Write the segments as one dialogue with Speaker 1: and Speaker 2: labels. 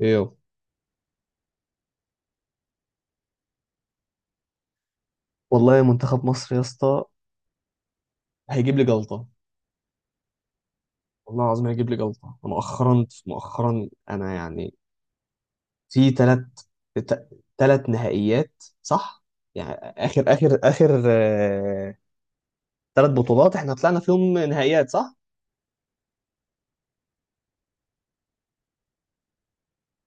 Speaker 1: ايه يابا؟ والله منتخب مصر يا اسطى هيجيب لي جلطه. والله العظيم هيجيب لي جلطه مؤخرا مؤخرا انا يعني في ثلاث نهائيات صح؟ يعني اخر ثلاث بطولات احنا طلعنا فيهم نهائيات صح؟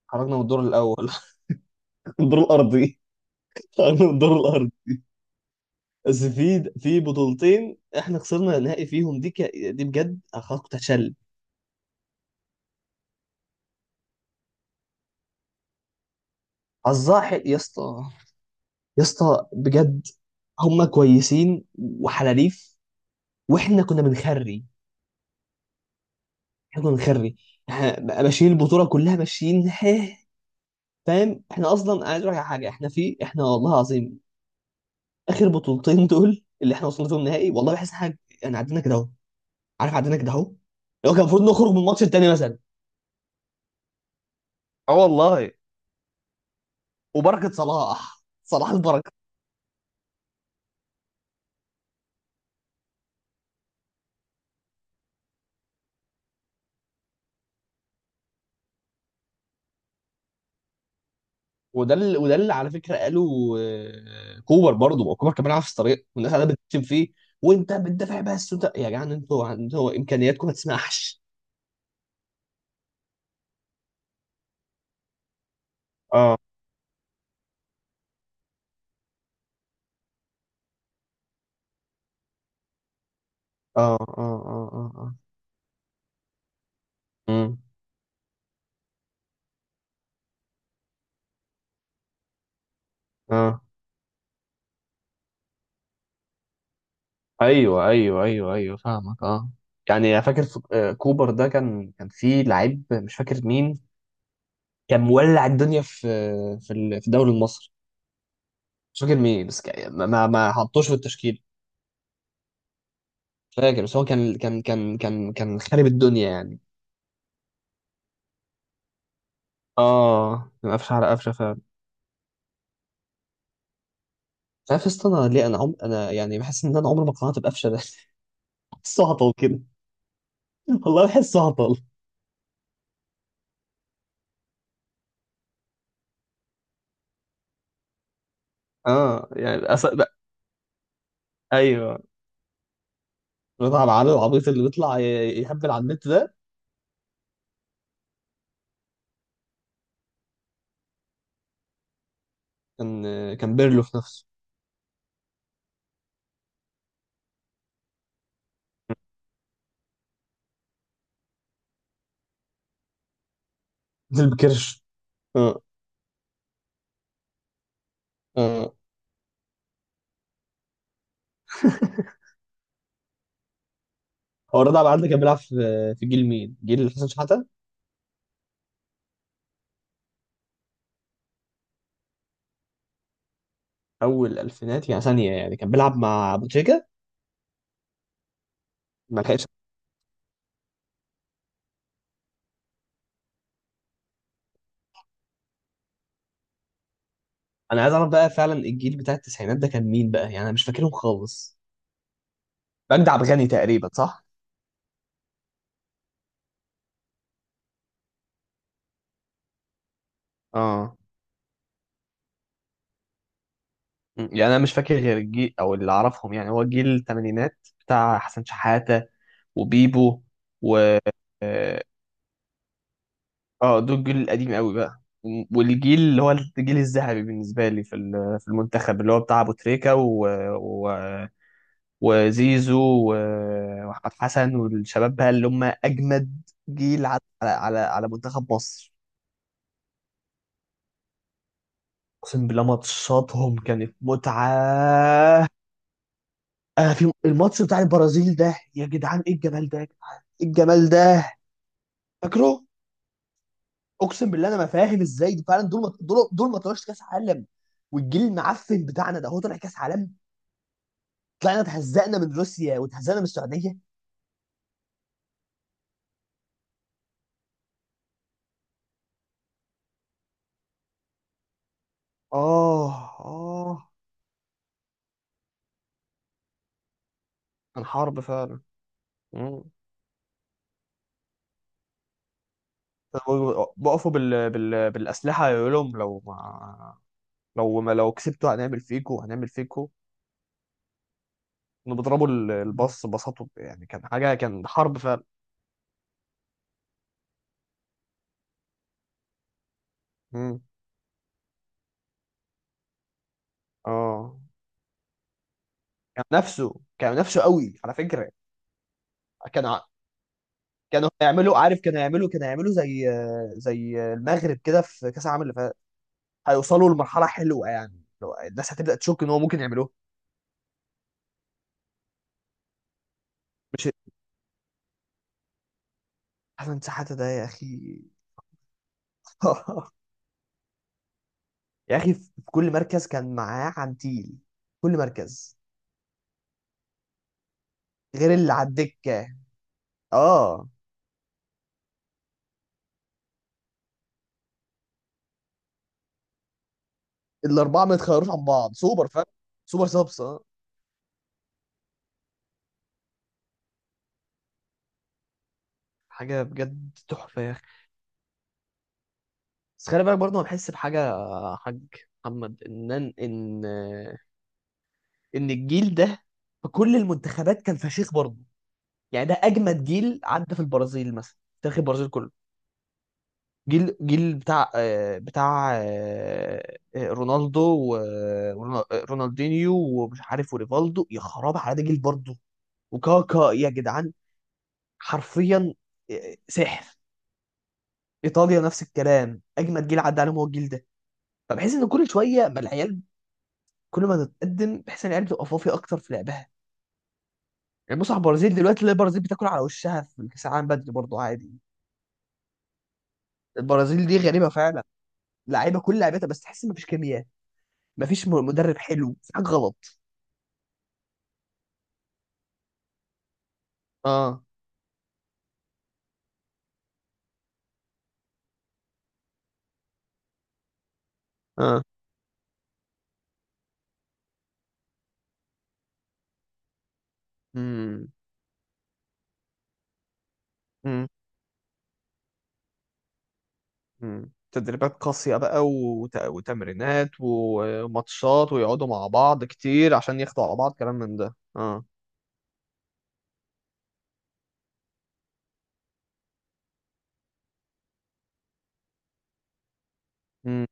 Speaker 1: خرجنا من الدور الاول الدور الارضي. خرجنا من الدور الارضي. بس في بطولتين احنا خسرنا نهائي فيهم دي بجد كنت هتشل. حظها حلو يا اسطى، يا اسطى بجد. هم كويسين وحلاليف. واحنا كنا بنخري. احنا كنا بنخري. احنا ماشيين البطوله كلها ماشيين هه. فاهم احنا اصلا، انا عايز اقول لك على حاجه. احنا والله العظيم اخر بطولتين دول اللي احنا وصلنا فيهم نهائي، والله بحس إن حاجه يعني عدينا كده اهو. عارف عدينا كده اهو. لو كان المفروض نخرج من الماتش التاني مثلا. اه والله. وبركه صلاح، صلاح البركه. وده اللي على فكره قالوا، كوبر برضه. ما هو كوبر كان بيلعب في الطريق والناس قاعده بتشتم فيه. وانت بتدافع بس، وانت يا جدعان، انتوا امكانياتكم ما تسمحش. اه اه اه اه اه اه. امم اه. ايوه ايوه ايوه ايوه فاهمك اه. يعني انا فاكر في كوبر ده كان في لعيب مش فاكر مين. كان مولع الدنيا في الدوري المصري. مش فاكر مين بس ما حطوش في التشكيل. مش فاكر بس هو كان خارب الدنيا يعني. اه تبقى قفشه على قفشه فعلا. مش عارف يا اسطى انا ليه، انا يعني بحس ان انا عمري ما اقتنعت بقفشه ده. بحسه هطل كده. والله بحسه هطل. اه يعني لا، ايوه. رضا على العيال العبيط اللي بيطلع يهبل على النت ده كان كان بيرلو في نفسه. نزل بكرش اه اه. هو رضا على العيال ده كان بيلعب في جيل مين؟ جيل حسن شحاته. اول الالفينات يعني ثانيه يعني كان بيلعب مع ابو تريكه. ما لحقش. انا عايز اعرف بقى فعلا الجيل بتاع التسعينات ده كان مين بقى؟ يعني انا مش فاكرهم خالص. مجدي عبد الغني تقريبا صح؟ اه. يعني انا مش فاكر غير الجيل او اللي اعرفهم، يعني هو جيل الثمانينات بتاع حسن شحاتة وبيبو و اه آه، دول الجيل القديم قوي بقى. والجيل اللي هو الجيل الذهبي بالنسبه لي في المنتخب اللي هو بتاع ابو تريكه و... و... وزيزو و- واحمد حسن والشباب بقى اللي هم اجمد جيل على منتخب مصر. اقسم بالله ماتشاتهم كانت متعه. في الماتش بتاع البرازيل ده يا جدعان ايه الجمال ده يا جدعان ايه الجمال ده. فاكره. اقسم بالله انا ما فاهم ازاي فعلا. دول ما طلعوش كاس عالم، والجيل المعفن بتاعنا ده هو طلع كاس عالم. طلعنا اتهزقنا من روسيا واتهزقنا من السعوديه اه اه. كان حرب فعلا. مم. كانوا بقفوا بالأسلحة يقول لهم لو ما لو ما لو كسبتوا هنعمل فيكوا هنعمل فيكوا. كانوا بيضربوا الباص بساطة يعني، كان حاجة، كان حرب فعلا. مم. اه كان نفسه قوي على فكرة. كان ع- كانوا هيعملوا عارف كانوا هيعملوا كانوا هيعملوا زي المغرب كده في كأس العالم اللي فات. هيوصلوا لمرحلة حلوة، يعني لو الناس هتبدأ تشك ان هو ممكن يعملوه. مش حسن شحاتة ده يا اخي. يا اخي في كل مركز كان معاه عنتيل. كل مركز غير اللي على الدكة اه. الأربعة ما يتخيروش عن بعض سوبر فاهم. سوبر سابس اه. حاجة بجد تحفة يعني. بس خلي بالك برضه، انا بحس بحاجه يا حاج محمد، ان ان ان إن الجيل ده في كل المنتخبات كان فشيخ برضه. يعني ده اجمد جيل عدى في البرازيل مثلا. تاريخ البرازيل كله، جيل بتاع آه، بتاع آه، آه، رونالدو ورونالدينيو ومش عارف وريفالدو يا خراب على ده جيل برضه. وكاكا يا جدعان، حرفيا سحر. ايطاليا نفس الكلام، اجمد جيل عدى عليهم هو الجيل ده. فبحس ان كل شويه بقى العيال، كل ما تتقدم بحيث ان العيال بتبقى فافيه اكتر في لعبها. يعني بص على البرازيل دلوقتي، تلاقي البرازيل بتاكل على وشها في الكاس العالم بدري برضه عادي. البرازيل دي غريبه فعلا. لعيبه كل لعيبتها بس تحس مفيش كيمياء. مفيش مدرب حلو، في حاجه غلط. اه اه امم امم أمم. تدريبات قاسية بقى وتمرينات وماتشات، ويقعدوا مع بعض كتير عشان ياخدوا على بعض كلام من ده اه امم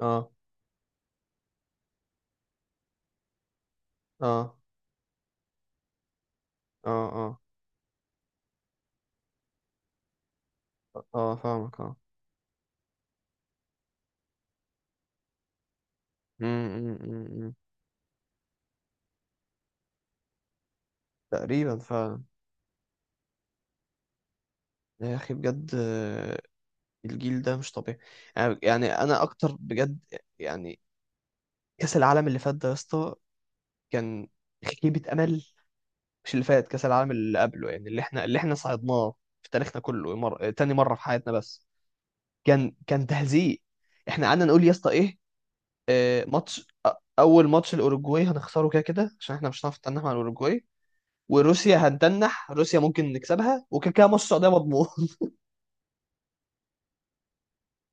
Speaker 1: اه اه اه اه اه فاهمك اه. أمم، أمم، أمم. تقريبا فعلا. يا اخي بجد، الجيل ده مش طبيعي. يعني انا اكتر بجد. يعني كاس العالم اللي فات ده يا اسطى كان خيبة امل. مش اللي فات، كاس العالم اللي قبله، يعني اللي احنا صعدناه في تاريخنا كله، تاني مرة في حياتنا بس. كان تهزيء. احنا قعدنا نقول يا اسطى ايه. آه، ماتش أ- اول ماتش الاوروجواي هنخسره كده كده عشان احنا مش هنعرف نتنح مع الاوروجواي. وروسيا هنتنح، روسيا ممكن نكسبها، وكده كده ماتش السعودية مضمون.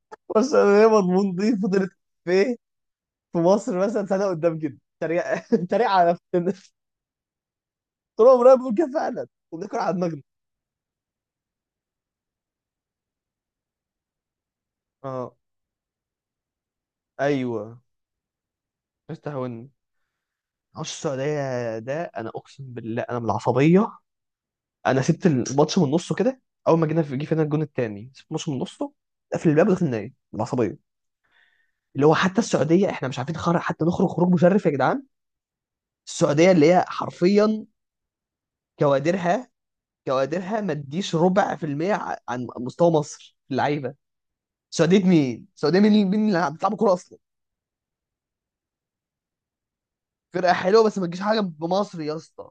Speaker 1: ماتش السعودية مضمون دي فضلت في مصر مثلا سنه قدام كده تريق تريق على نفسنا. طول عمرنا بنقول كده فعلا، وبناكل على دماغنا اه. ايوه استهواني. ماتش السعوديه ده انا اقسم بالله انا من العصبيه، انا سبت الماتش من نصه كده. اول ما جينا في جه فينا الجون الثاني سبت الماتش من نصه، قفل الباب ودخل نايم من العصبيه. اللي هو حتى السعوديه احنا مش عارفين خرج، حتى نخرج خروج مشرف يا جدعان. السعوديه اللي هي حرفيا كوادرها كوادرها ما تديش ربع في المية عن مستوى مصر في اللعيبه. السعوديه مين؟ السعوديه مين، مين اللي بتلعب كوره اصلا؟ فرقه حلوه بس ما تجيش حاجه بمصر يا اسطى.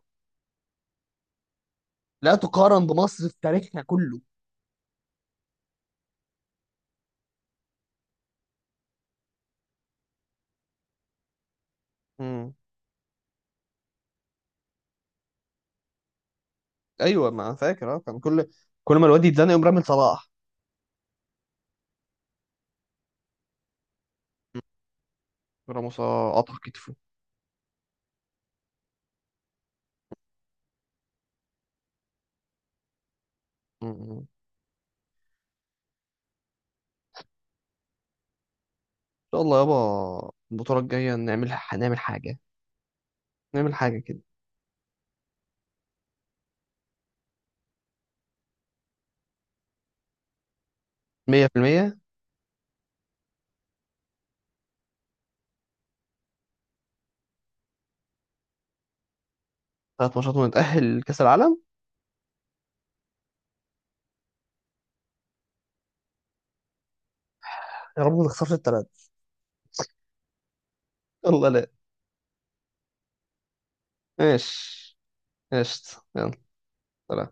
Speaker 1: لا تقارن بمصر في تاريخنا كله. امم ايوه ما أنا فاكر اه. كان كل ما الواد يتزنق يقوم رامي صلاح. راموس قطع كتفه. مم. ان شاء الله يابا البطوله الجايه نعمل حاجه نعمل حاجه كده 100%. ثلاث ماتشات ونتأهل لكأس العالم. يا رب ما تخسرش التلاته. الله لا. ماشي. قشطة يلا. سلام.